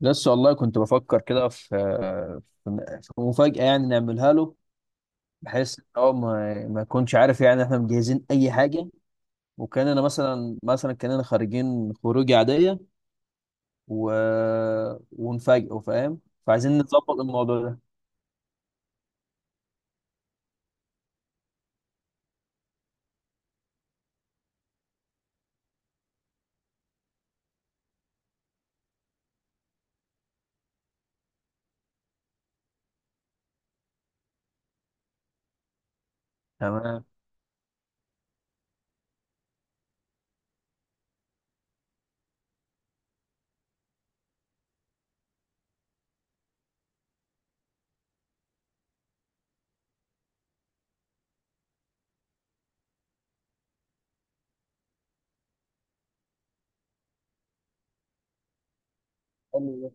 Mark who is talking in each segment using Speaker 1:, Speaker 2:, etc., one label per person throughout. Speaker 1: لسه والله كنت بفكر كده في مفاجأة يعني نعملها له، بحيث ان هو ما يكونش عارف يعني احنا مجهزين اي حاجة، وكاننا مثلا كاننا خارجين خروج عادية و... ونفاجئه، فاهم؟ فعايزين نظبط الموضوع ده. تمام، حلو ده.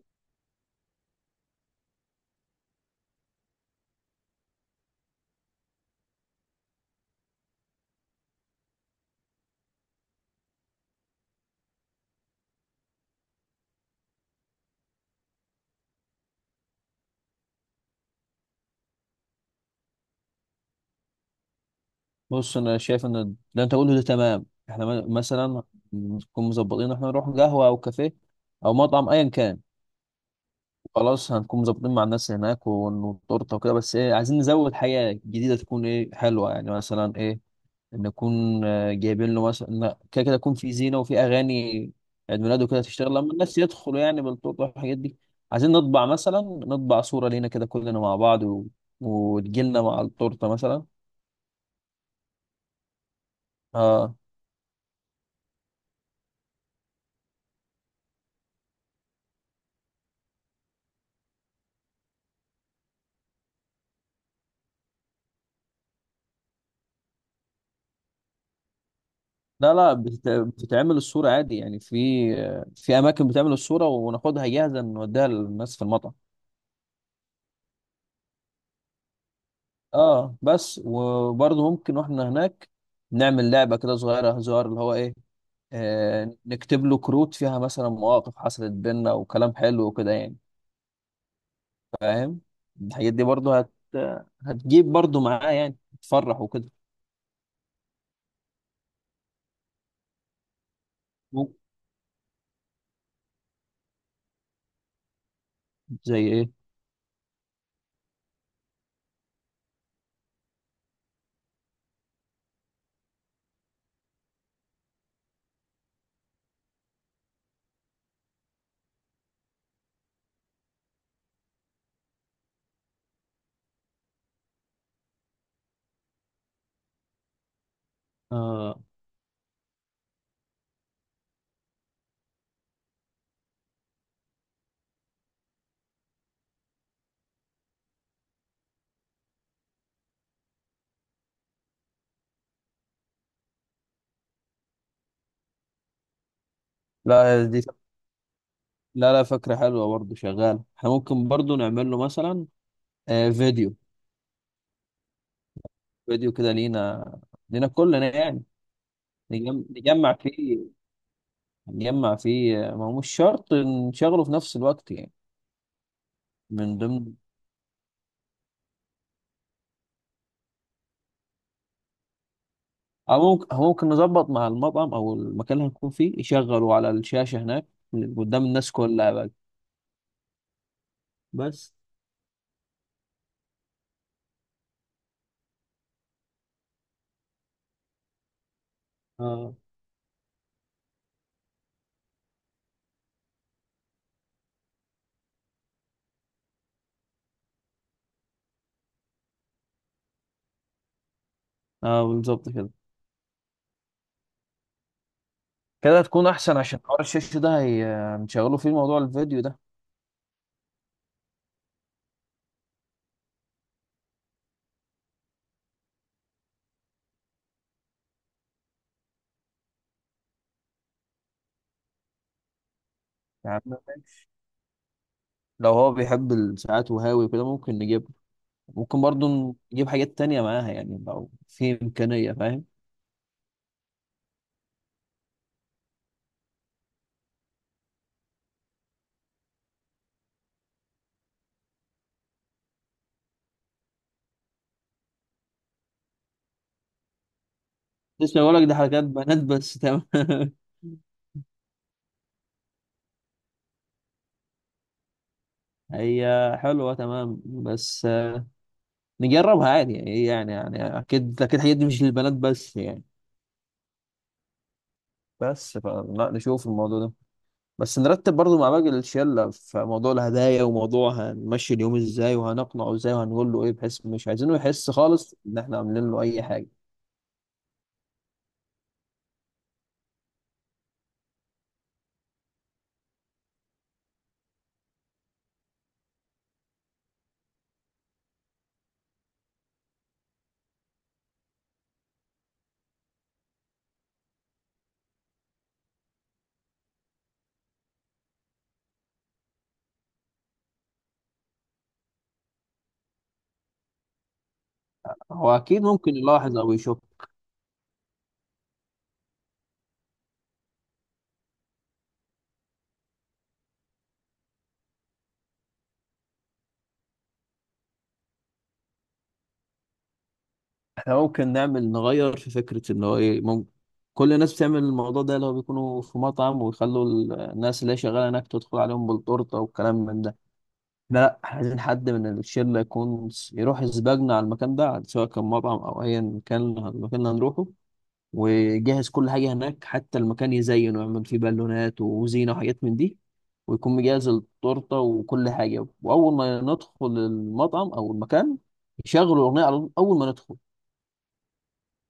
Speaker 1: بص، انا شايف ان اللي انت قوله ده تمام. احنا مثلا نكون مظبطين إن احنا نروح قهوة او كافيه او مطعم ايا كان. خلاص، هنكون مظبطين مع الناس هناك والتورته وكده، بس ايه، عايزين نزود حاجه جديده تكون ايه، حلوه يعني. مثلا ايه، نكون جايبين له مثلا، لا، كده كده يكون في زينه وفي اغاني عيد ميلاده كده، تشتغل لما الناس يدخلوا يعني بالتورته والحاجات دي. عايزين نطبع، مثلا نطبع صوره لينا كده كلنا مع بعض، و... وتجيلنا مع التورته مثلا. اه، لا لا، بتتعمل الصوره عادي يعني، في اماكن بتعمل الصوره وناخدها جاهزه، نوديها للناس في المطعم. اه، بس وبرضه ممكن واحنا هناك نعمل لعبة كده صغيرة، هزار اللي هو ايه. نكتب له كروت فيها مثلا مواقف حصلت بينا وكلام حلو وكده يعني، فاهم؟ الحاجات دي برضه هتجيب برضه معاه يعني، تفرح وكده. ممكن. زي ايه؟ آه لا، دي، لا لا، فكرة حلوة برضه، شغالة. احنا ممكن برضه نعمل له مثلا آه فيديو فيديو كده لينا كلنا يعني. نجمع فيه، نجمع فيه، ما هو مش شرط نشغله في نفس الوقت يعني. من ضمن. أو ممكن نظبط مع المطعم أو المكان اللي هنكون فيه، يشغلوا على الشاشة هناك قدام الناس كلها بقى. بس اه، اه بالظبط كده. كده تكون أحسن، عشان حوار الشاشة ده هنشغله فيه موضوع الفيديو ده. يعني لو هو بيحب الساعات وهاوي وكده، ممكن نجيب، ممكن برضه نجيب حاجات تانية معاها يعني لو في إمكانية، فاهم؟ لسه بقول لك ده حاجات بنات، بس تمام. هي حلوة تمام، بس نجربها عادي يعني. إيه يعني أكيد أكيد الحاجات دي مش للبنات بس يعني. بس فلا نشوف الموضوع ده، بس نرتب برضو مع باقي الشلة في موضوع الهدايا، وموضوع هنمشي اليوم ازاي، وهنقنعه ازاي، وهنقول له ايه، بحيث مش عايزينه يحس خالص ان احنا عاملين له اي حاجة. هو اكيد ممكن يلاحظ او يشوف. احنا ممكن نغير في فكرة ان هو ايه. ممكن كل الناس بتعمل الموضوع ده لو بيكونوا في مطعم، ويخلوا الناس اللي هي شغالة هناك تدخل عليهم بالتورتة والكلام من ده. لا لا، احنا عايزين حد من الشلة يكون يروح يسبقنا على المكان ده، سواء كان مطعم أو أيا كان المكان اللي هنروحه، ويجهز كل حاجة هناك، حتى المكان يزين ويعمل فيه بالونات وزينة وحاجات من دي، ويكون مجهز التورتة وكل حاجة. وأول ما ندخل المطعم أو المكان يشغلوا الأغنية على طول أول ما ندخل،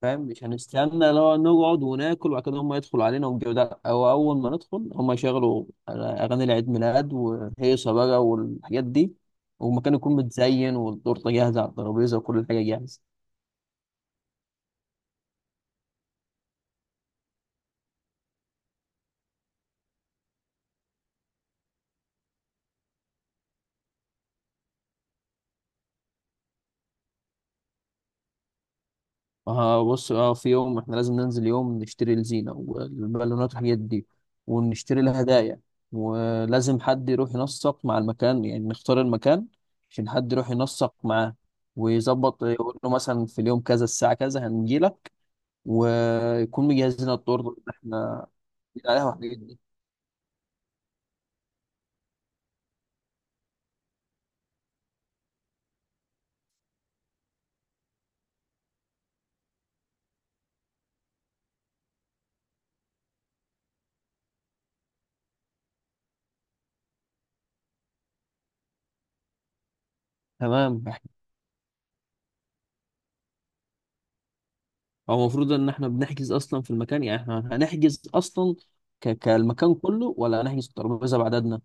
Speaker 1: فاهم؟ مش هنستنى لو نقعد وناكل وبعد كده هم يدخلوا علينا ونجيب ده، او اول ما ندخل هم يشغلوا اغاني العيد ميلاد وهيصه بقى والحاجات دي، والمكان يكون متزين والتورته جاهزه على الترابيزه وكل حاجه جاهزه. اه بص، اه، في يوم احنا لازم ننزل يوم نشتري الزينه والبالونات والحاجات دي، ونشتري الهدايا، ولازم حد يروح ينسق مع المكان. يعني نختار المكان عشان حد يروح ينسق معاه، ويظبط يقول له مثلا في اليوم كذا الساعة كذا هنجيلك، ويكون مجهز لنا الطرد اللي احنا بنقول عليها والحاجات دي. تمام. احنا هو المفروض ان احنا بنحجز اصلا في المكان، يعني احنا هنحجز اصلا كالمكان كله، ولا هنحجز الترابيزه بعددنا؟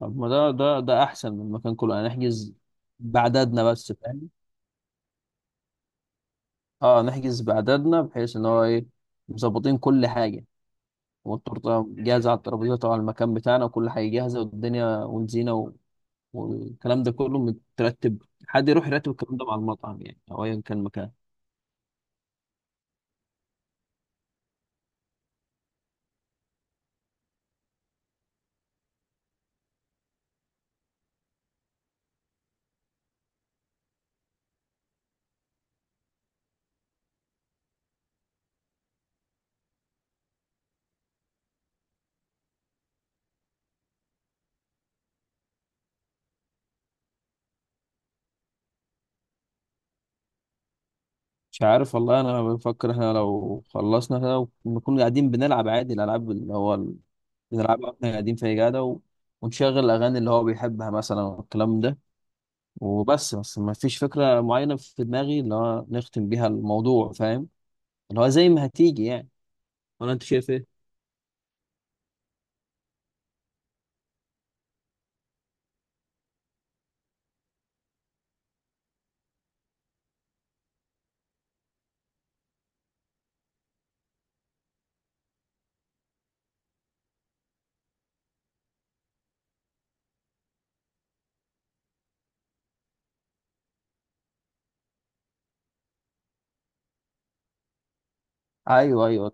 Speaker 1: طب ما ده احسن من المكان كله. هنحجز بعددنا بس، فاهم؟ اه، نحجز بعددنا بحيث ان هو ايه، مظبطين كل حاجه، والتورته جاهزه على الترابيزه طبعا، المكان بتاعنا وكل حاجه جاهزه، والدنيا والزينه و... والكلام ده كله مترتب. حد يروح يرتب الكلام ده مع المطعم يعني، او ايا كان مكان. مش عارف والله، انا بفكر احنا لو خلصنا كده ونكون قاعدين بنلعب عادي الالعاب اللي هو بنلعبها واحنا قاعدين في قاعده، و... ونشغل الاغاني اللي هو بيحبها مثلا والكلام ده. وبس ما فيش فكره معينه في دماغي اللي هو نختم بيها الموضوع، فاهم؟ اللي هو زي ما هتيجي يعني. ولا انت شايف ايه؟ ايوه ايوه،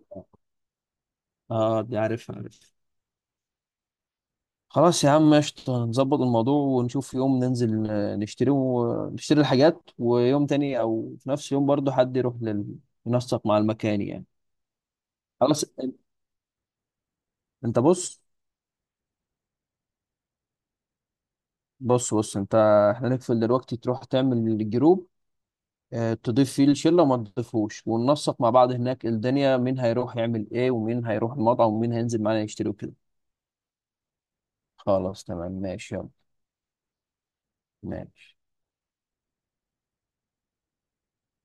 Speaker 1: اه دي عارف عارف. خلاص يا عم، قشطة، نظبط الموضوع ونشوف يوم ننزل نشتري، ونشتري الحاجات، ويوم تاني او في نفس اليوم برضه حد يروح ينسق مع المكان يعني. خلاص. انت بص انت، احنا نقفل دلوقتي، تروح تعمل الجروب، اه، تضيف فيه الشله وما تضيفوش، وننسق مع بعض هناك الدنيا، مين هيروح يعمل ايه، ومين هيروح المطعم، ومين هينزل معانا يشتري وكده. خلاص تمام، ماشي، يلا. ماشي.